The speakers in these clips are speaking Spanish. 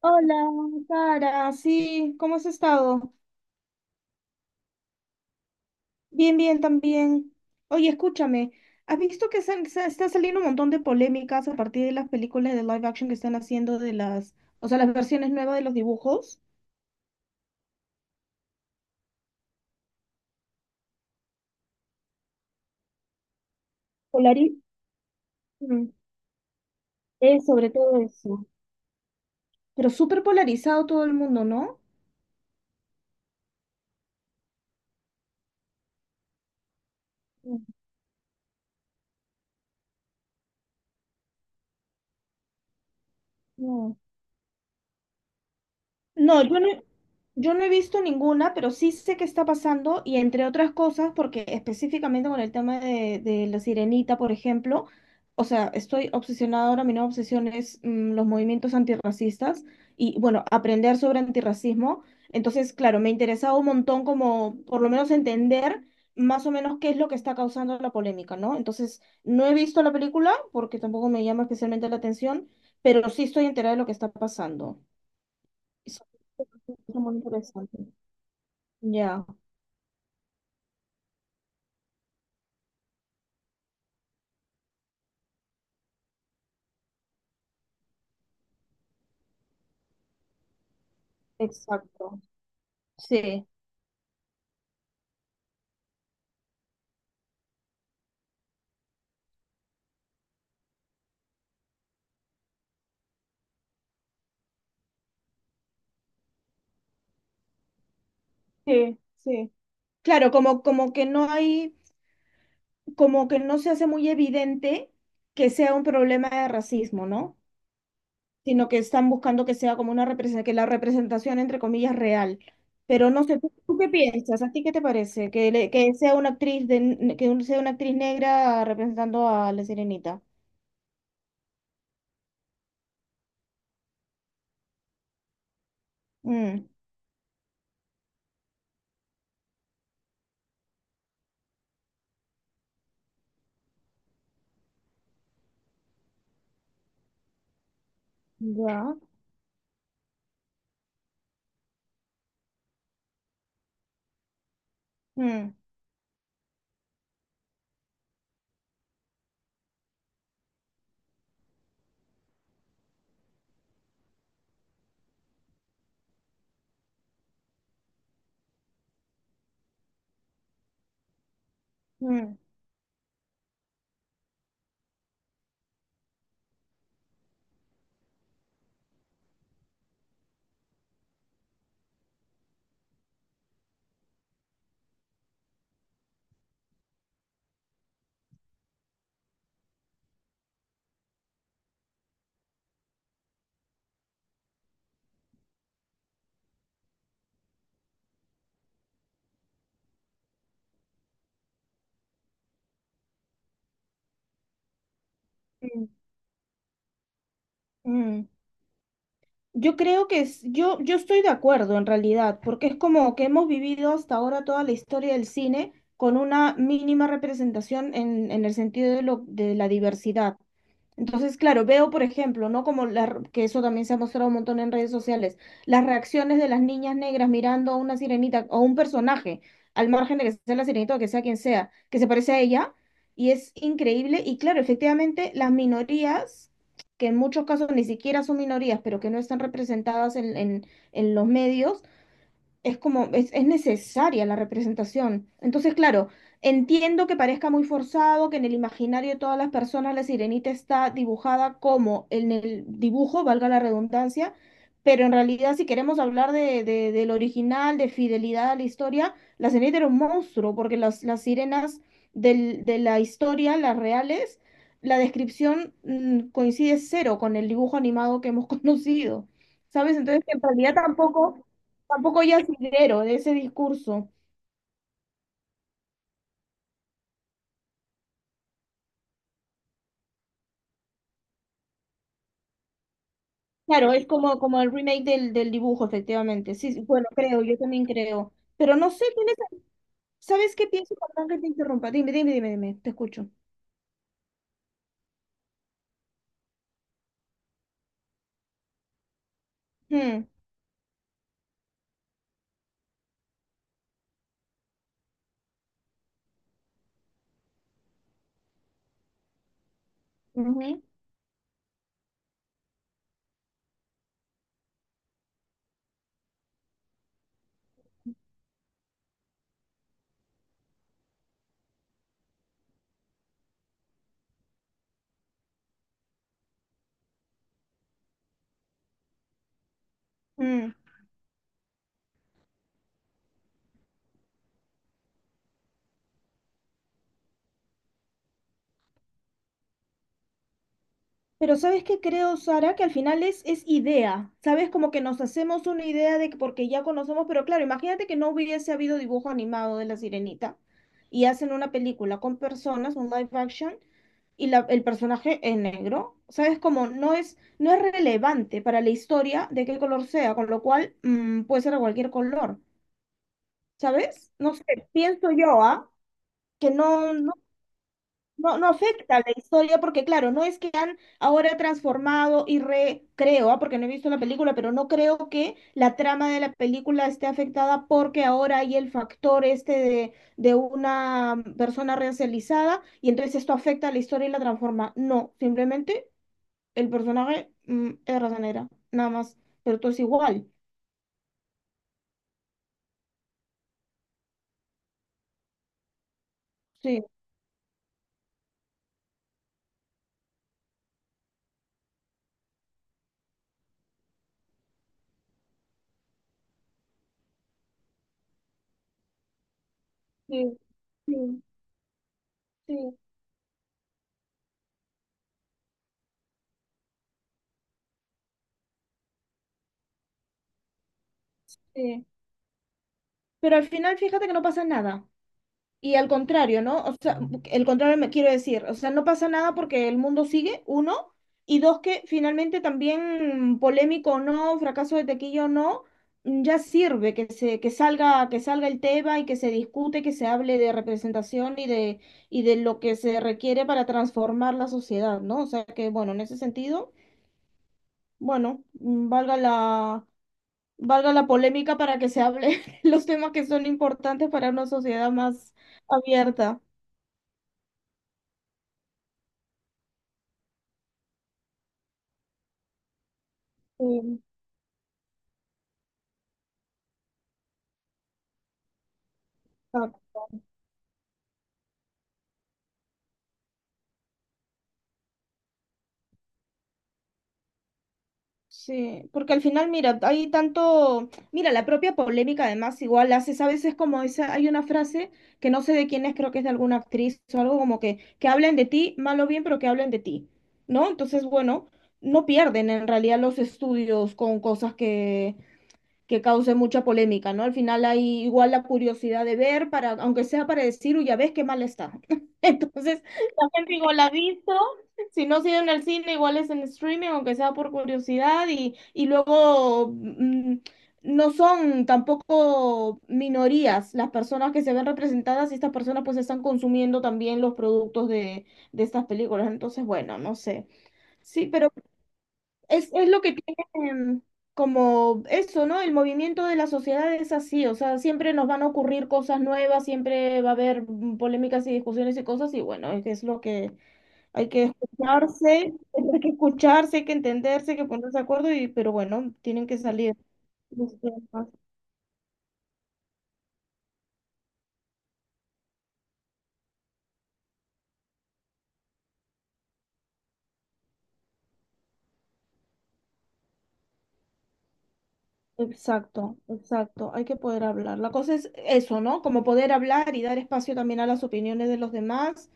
Hola, Sara, sí, ¿cómo has estado? Bien, bien, también. Oye, escúchame, ¿has visto que está saliendo un montón de polémicas a partir de las películas de live action que están haciendo o sea, las versiones nuevas de los dibujos? Polariz. Mm, Es sobre todo eso. Pero súper polarizado todo el mundo, ¿no? Mm. No. No, yo no, yo no he visto ninguna, pero sí sé qué está pasando y entre otras cosas, porque específicamente con el tema de la sirenita, por ejemplo, o sea, estoy obsesionada ahora, mi nueva obsesión es los movimientos antirracistas y bueno, aprender sobre antirracismo. Entonces, claro, me interesaba un montón como por lo menos entender más o menos qué es lo que está causando la polémica, ¿no? Entonces, no he visto la película porque tampoco me llama especialmente la atención, pero sí estoy enterada de lo que está pasando. Son muy interesantes. Ya, exacto. Sí, sí, sí. Claro, como que no hay, como que no se hace muy evidente que sea un problema de racismo, ¿no? Sino que están buscando que sea como una representación, que la representación, entre comillas, real. Pero no sé, ¿tú qué piensas? ¿A ti qué te parece? Que sea una actriz de que sea una actriz negra representando a la Sirenita. Mm, ya. Mm, mm, mm, mm. Yo creo que yo estoy de acuerdo en realidad, porque es como que hemos vivido hasta ahora toda la historia del cine con una mínima representación en el sentido de la diversidad. Entonces, claro, veo, por ejemplo, ¿no? Que eso también se ha mostrado un montón en redes sociales, las reacciones de las niñas negras mirando a una sirenita o un personaje, al margen de que sea la sirenita o que sea quien sea, que se parece a ella, y es increíble. Y claro, efectivamente, las minorías, que en muchos casos ni siquiera son minorías, pero que no están representadas en en los medios, es como, es necesaria la representación. Entonces, claro, entiendo que parezca muy forzado, que en el imaginario de todas las personas la sirenita está dibujada como en el dibujo, valga la redundancia, pero en realidad si queremos hablar del original, de fidelidad a la historia, la sirenita era un monstruo, porque las sirenas de la historia, las reales, la descripción coincide cero con el dibujo animado que hemos conocido. ¿Sabes? Entonces, en realidad tampoco, tampoco hay asidero de ese discurso. Claro, es como, como el remake del dibujo, efectivamente. Sí, sí, bueno, creo, yo también creo. Pero no sé, ¿tienes, ¿sabes qué pienso? Perdón que te interrumpa. Dime, dime, dime, dime, te escucho. Mm, ujú, mm. Pero ¿sabes qué creo, Sara? Que al final es idea. ¿Sabes? Como que nos hacemos una idea de que porque ya conocemos, pero claro, imagínate que no hubiese habido dibujo animado de La Sirenita y hacen una película con personas, un live action y el personaje es negro. ¿Sabes cómo? No es relevante para la historia de qué color sea, con lo cual puede ser de cualquier color. ¿Sabes? No sé, pienso yo, ¿ah? Que no, no, no, no afecta a la historia porque, claro, no es que han ahora transformado y recreo, ¿ah? Porque no he visto la película, pero no creo que la trama de la película esté afectada porque ahora hay el factor este de una persona racializada y entonces esto afecta a la historia y la transforma. No, simplemente el personaje es raza negra, nada más, pero todo es igual. Sí, sí, sí, sí, sí. Pero al final fíjate que no pasa nada. Y al contrario, ¿no? O sea, el contrario me quiero decir, o sea, no pasa nada porque el mundo sigue, uno, y dos, que finalmente también polémico o no, fracaso de tequillo o no, ya sirve que salga el tema y que se discute, que se hable de representación y de lo que se requiere para transformar la sociedad, ¿no? O sea que, bueno, en ese sentido. Bueno, valga la polémica para que se hable los temas que son importantes para una sociedad más abierta. Sí, exacto. Sí, porque al final, mira, hay tanto, mira, la propia polémica además igual haces a veces como esa, hay una frase que no sé de quién es, creo que es de alguna actriz o algo como que hablen de ti, mal o bien, pero que hablen de ti, ¿no? Entonces, bueno, no pierden en realidad los estudios con cosas que cause mucha polémica, ¿no? Al final hay igual la curiosidad de ver, para, aunque sea para decir, uy, ya ves qué mal está. Entonces, la gente igual la ha visto, si no ha sido en el cine, igual es en streaming, aunque sea por curiosidad, y luego no son tampoco minorías las personas que se ven representadas y estas personas pues están consumiendo también los productos de estas películas. Entonces, bueno, no sé. Sí, pero es lo que tiene em, como eso, ¿no? El movimiento de la sociedad es así, o sea, siempre nos van a ocurrir cosas nuevas, siempre va a haber polémicas y discusiones y cosas, y bueno, es lo que hay que escucharse, hay que escucharse, hay que entenderse, hay que ponerse de acuerdo, y, pero bueno, tienen que salir los temas. Exacto, exacto, hay que poder hablar. La cosa es eso, ¿no? Como poder hablar y dar espacio también a las opiniones de los demás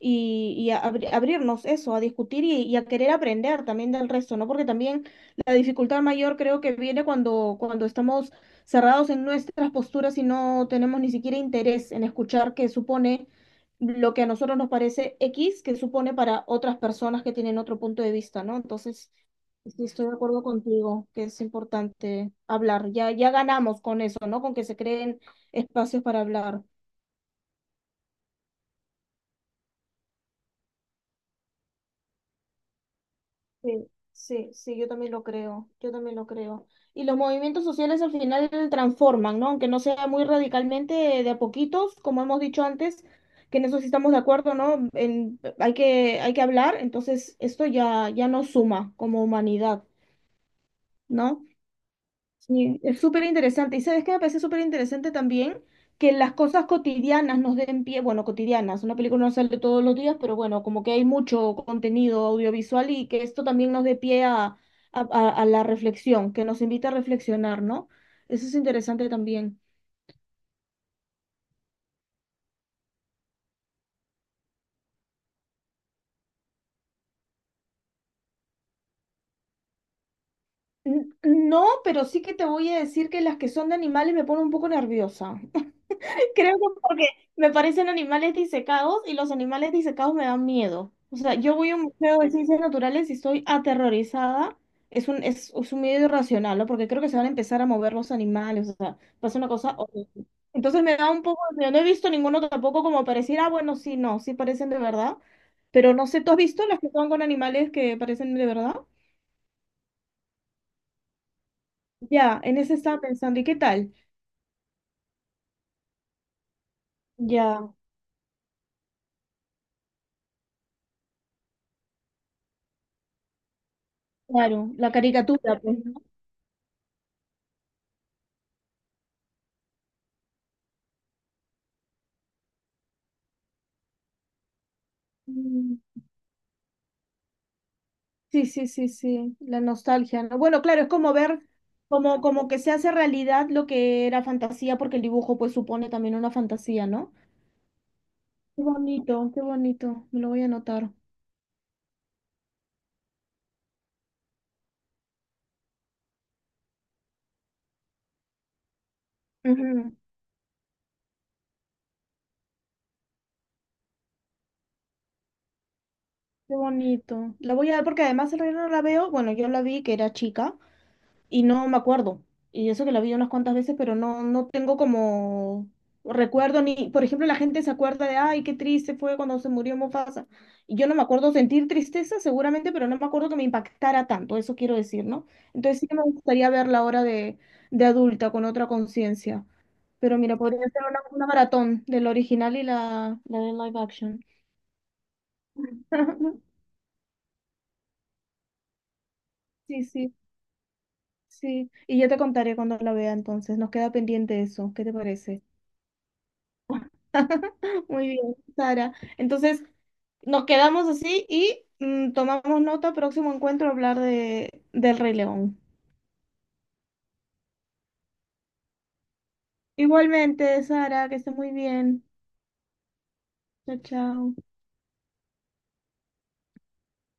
y a abrirnos eso, a discutir y a querer aprender también del resto, ¿no? Porque también la dificultad mayor creo que viene cuando estamos cerrados en nuestras posturas y no tenemos ni siquiera interés en escuchar qué supone lo que a nosotros nos parece X, que supone para otras personas que tienen otro punto de vista, ¿no? Entonces, sí estoy de acuerdo contigo que es importante hablar. Ya, ya ganamos con eso, ¿no? Con que se creen espacios para hablar. Sí, sí, sí, yo también lo creo, yo también lo creo. Y los movimientos sociales al final transforman, ¿no? Aunque no sea muy radicalmente, de a poquitos, como hemos dicho antes, que en eso sí estamos de acuerdo, ¿no? En- hay que hablar, entonces esto ya, ya nos suma como humanidad, ¿no? Sí, es súper interesante. Y sabes qué me parece súper interesante también que las cosas cotidianas nos den pie, bueno, cotidianas, una película no sale todos los días, pero bueno, como que hay mucho contenido audiovisual y que esto también nos dé pie a la reflexión, que nos invita a reflexionar, ¿no? Eso es interesante también. No, pero sí que te voy a decir que las que son de animales me ponen un poco nerviosa. Creo que porque me parecen animales disecados y los animales disecados me dan miedo. O sea, yo voy a un museo de ciencias naturales y estoy aterrorizada. Es un miedo irracional, ¿no? Porque creo que se van a empezar a mover los animales. O sea, pasa una cosa horrible. Entonces me da un poco de miedo. No he visto ninguno tampoco como pareciera, ah, bueno, sí, no, sí parecen de verdad. Pero no sé, ¿tú has visto las que son con animales que parecen de verdad? Ya, en ese estaba pensando. ¿Y qué tal? Ya, claro, la caricatura, pues, ¿no? Sí, sí, sí, sí, la nostalgia, ¿no? Bueno, claro, es como ver, como que se hace realidad lo que era fantasía, porque el dibujo pues supone también una fantasía, ¿no? Qué bonito, me lo voy a anotar. Ujú. Qué bonito. La voy a ver porque además el reino no la veo, bueno, yo la vi que era chica, y no me acuerdo. Y eso que la vi unas cuantas veces, pero no, no tengo como recuerdo ni, por ejemplo, la gente se acuerda de, ay, qué triste fue cuando se murió Mufasa. Y yo no me acuerdo sentir tristeza seguramente, pero no me acuerdo que me impactara tanto, eso quiero decir, ¿no? Entonces sí que me gustaría verla ahora de adulta, con otra conciencia. Pero mira, podría ser una maratón del original y la de live action. Sí, sí, sí. Y yo te contaré cuando la vea entonces. Nos queda pendiente eso. ¿Qué te parece? Muy bien, Sara. Entonces, nos quedamos así y tomamos nota, próximo encuentro, hablar del Rey León. Igualmente, Sara, que esté muy bien. Chao, chao.